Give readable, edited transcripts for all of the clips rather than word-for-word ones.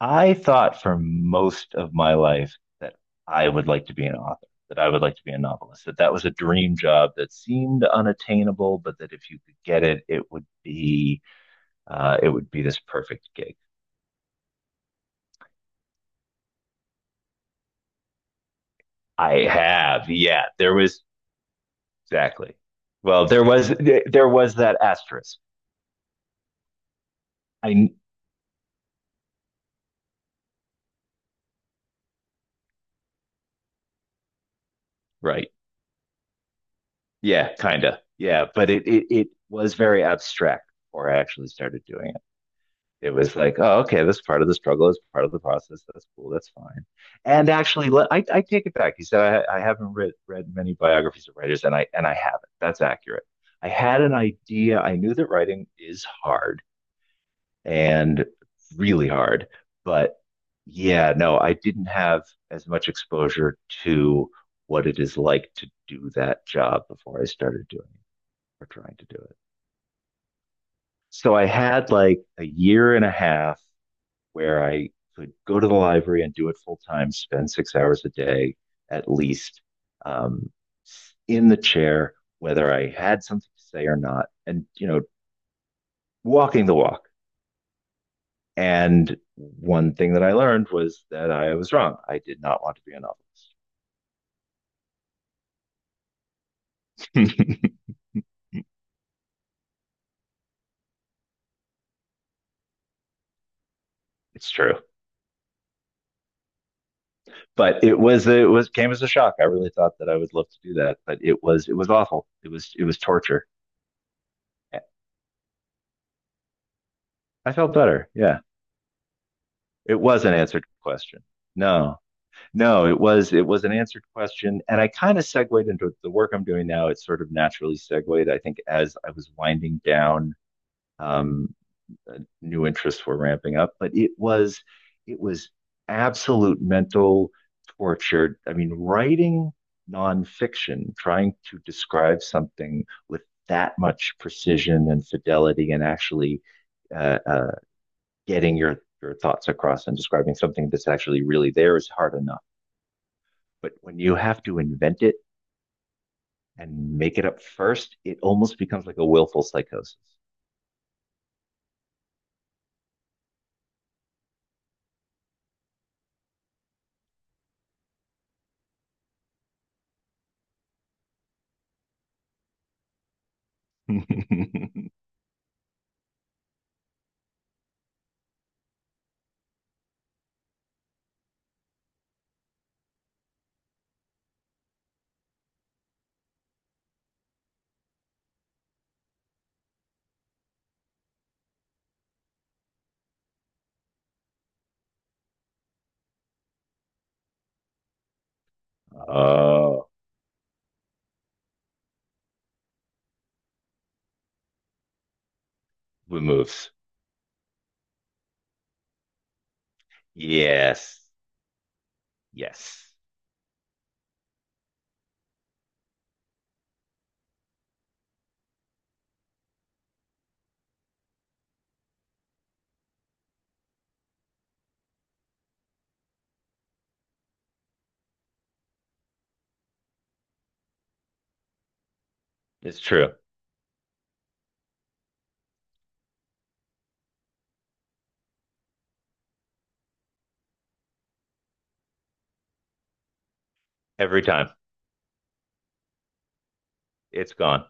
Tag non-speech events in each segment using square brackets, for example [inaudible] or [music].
I thought for most of my life that I would like to be an author, that I would like to be a novelist, that that was a dream job that seemed unattainable, but that if you could get it, it would be this perfect gig. I have, yeah, there was exactly. Well, there was that asterisk. I Right, yeah, kind of, yeah, but it was very abstract before I actually started doing it. It was like, oh, okay, this part of the struggle is part of the process. That's cool. That's fine. And actually, I take it back. You said I haven't read many biographies of writers, and I haven't. That's accurate. I had an idea. I knew that writing is hard and really hard, but yeah, no, I didn't have as much exposure to what it is like to do that job before I started doing it or trying to do it. So I had like a year and a half where I could go to the library and do it full time, spend 6 hours a day at least um, in the chair, whether I had something to say or not, and you know, walking the walk. And one thing that I learned was that I was wrong. I did not want to be a novelist. [laughs] It's true, but it was came as a shock. I really thought that I would love to do that, but it was awful. It was torture. I felt better. Yeah, it was an answered question. No, no, it was an answered question, and I kind of segued into the work I'm doing now. It sort of naturally segued, I think, as I was winding down. Um, New interests were ramping up, but it was absolute mental torture. I mean, writing nonfiction, trying to describe something with that much precision and fidelity, and actually uh, uh, getting your thoughts across and describing something that's actually really there is hard enough but when you have to invent it and make it up first, it almost becomes like a willful psychosis. [laughs] Oh, we moves. Yes. Yes. It's true. Every time. It's gone.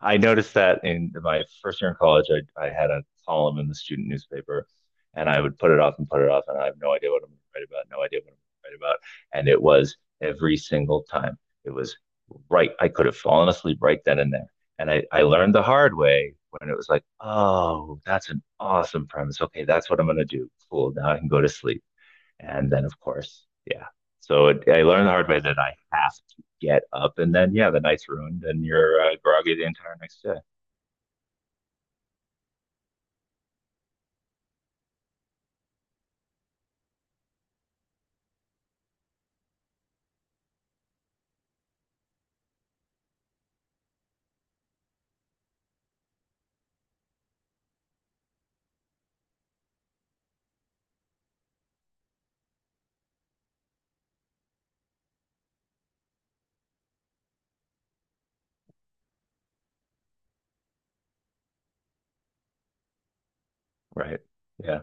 I noticed that in my first year in college, I had a column in the student newspaper, and I would put it off and put it off, and I have no idea what I'm going to write about, no idea what I'm going to write about. And it was every single time. It was right. I could have fallen asleep right then and there. And I learned the hard way when it was like, oh, that's an awesome premise. Okay, that's what I'm going to do. Cool. Now I can go to sleep. And then, of course, yeah. So it, I learned the hard way that I have to get up, and then yeah, the night's ruined, and you're groggy the entire next day. Right? Yeah.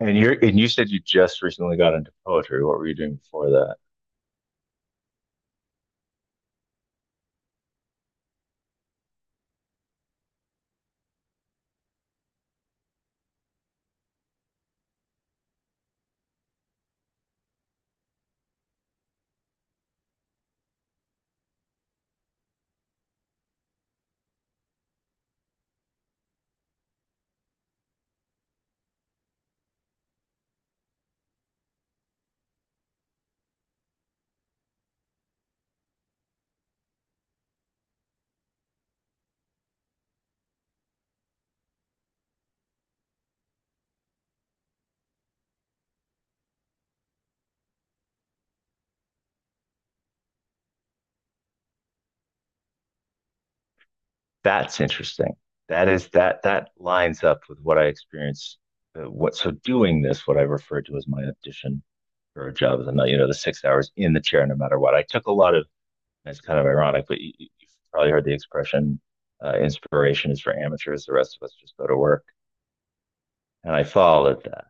And you said you just recently got into poetry. What were you doing before that? That's interesting. That is that that lines up with what I experienced. What so doing this, what I refer to as my audition for a job as a night, you know, the 6 hours in the chair, no matter what. I took a lot of. And it's kind of ironic, but you've probably heard the expression, inspiration is for amateurs. The rest of us just go to work. And I followed that,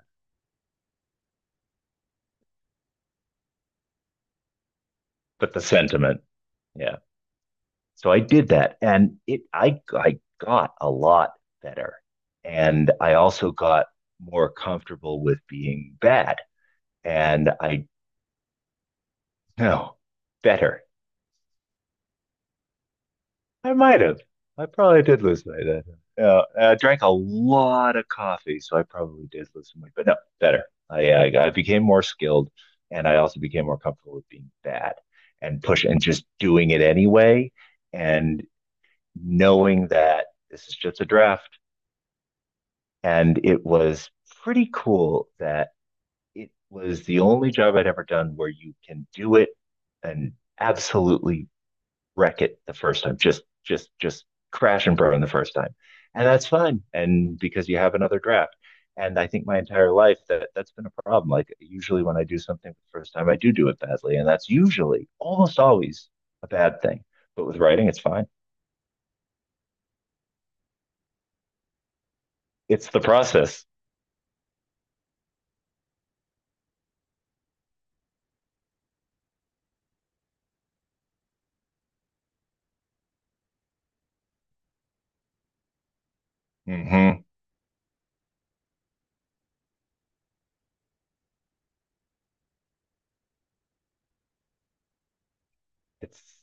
but the sentiment, yeah. So I did that, and it I got a lot better, and I also got more comfortable with being bad, and I know better. I might have. I probably did lose my that. I drank a lot of coffee, so I probably did lose some. But no, better. I became more skilled, and I also became more comfortable with being bad and push and just doing it anyway, and knowing that this is just a draft. And it was pretty cool that it was the only job I'd ever done where you can do it and absolutely wreck it the first time. Just crash and burn the first time. And that's fine. And because you have another draft. And I think my entire life that that's been a problem. Like usually when I do something for the first time, I do do it badly. And that's usually almost always a bad thing. But with writing, it's fine. It's the process. Mm-hmm. It's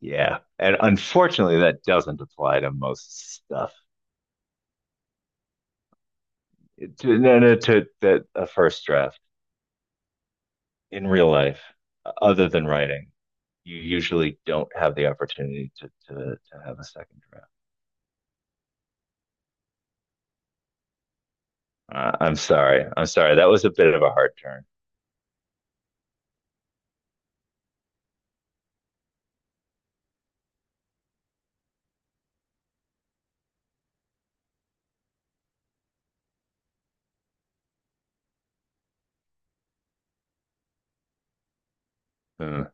yeah. And unfortunately that doesn't apply to most stuff. No, no, to a first draft. In real life, other than writing, you usually don't have the opportunity to have a second draft. I'm sorry. I'm sorry. That was a bit of a hard turn. Mm.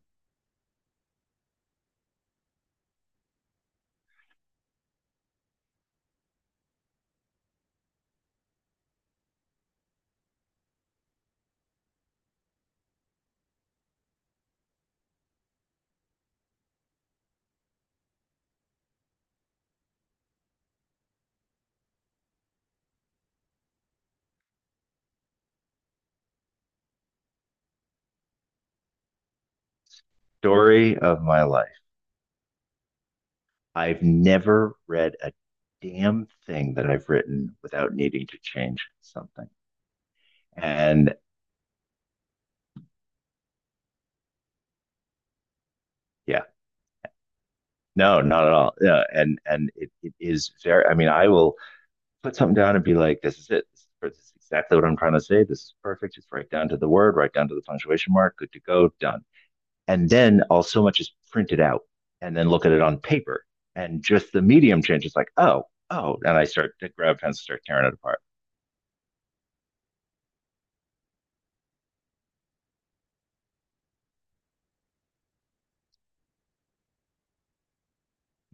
Story of my life. I've never read a damn thing that I've written without needing to change something. And yeah, no, not at all. Yeah, and it is very. I mean, I will put something down and be like, this is it. This is exactly what I'm trying to say. This is perfect. It's right down to the word, right down to the punctuation mark. Good to go. Done. And then all so much is printed out and then look at it on paper. And just the medium changes like, oh, oh. And I start to grab pens and start tearing it apart.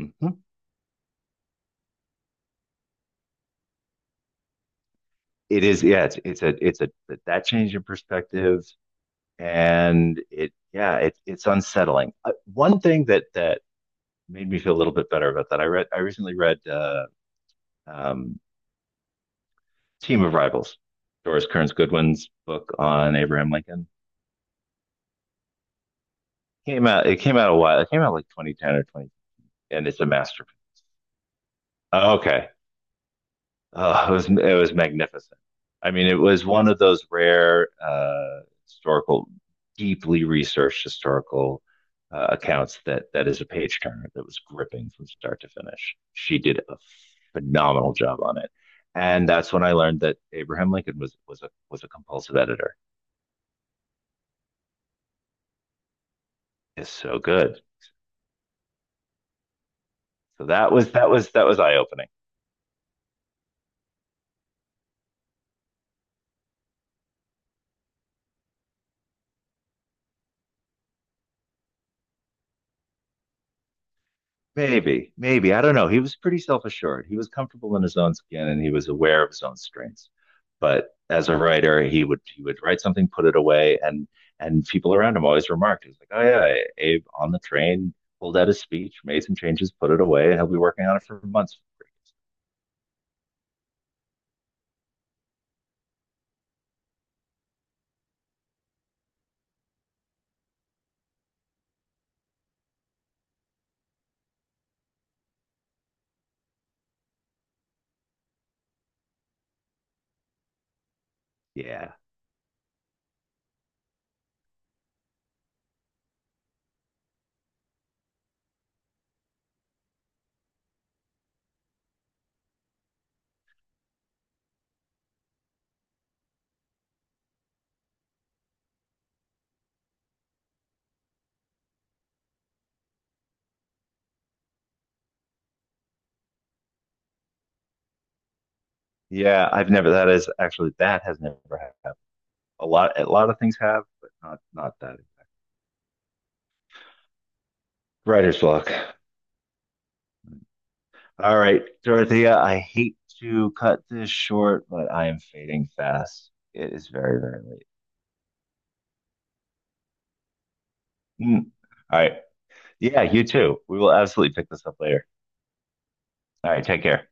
Mm-hmm. It is, yeah, that change in perspective. And it, yeah, it's unsettling. One thing that made me feel a little bit better about that, I recently read, um, Team of Rivals, Doris Kearns Goodwin's book on Abraham Lincoln. Came out. It came out a while. It came out like 2010 or 20, and it's a masterpiece. Oh, okay, oh, it was magnificent. I mean, it was one of those rare historical, deeply researched historical accounts that that is a page turner that was gripping from start to finish. She did a phenomenal job on it, and that's when I learned that Abraham Lincoln was a compulsive editor. It's so good. So that was eye opening. Maybe, maybe I don't know. He was pretty self assured. He was comfortable in his own skin, and he was aware of his own strengths. But as a writer, he would write something, put it away, and people around him always remarked, "He's like, oh yeah, Abe on the train pulled out his speech, made some changes, put it away, and he'll be working on it for months." Yeah, yeah. I've never. That is actually that has never happened. A lot of things have, but not not that. Writer's block. All right, Dorothea, I hate to cut this short, but I am fading fast. It is very, very late. Mm. All right. Yeah, you too. We will absolutely pick this up later. All right, take care.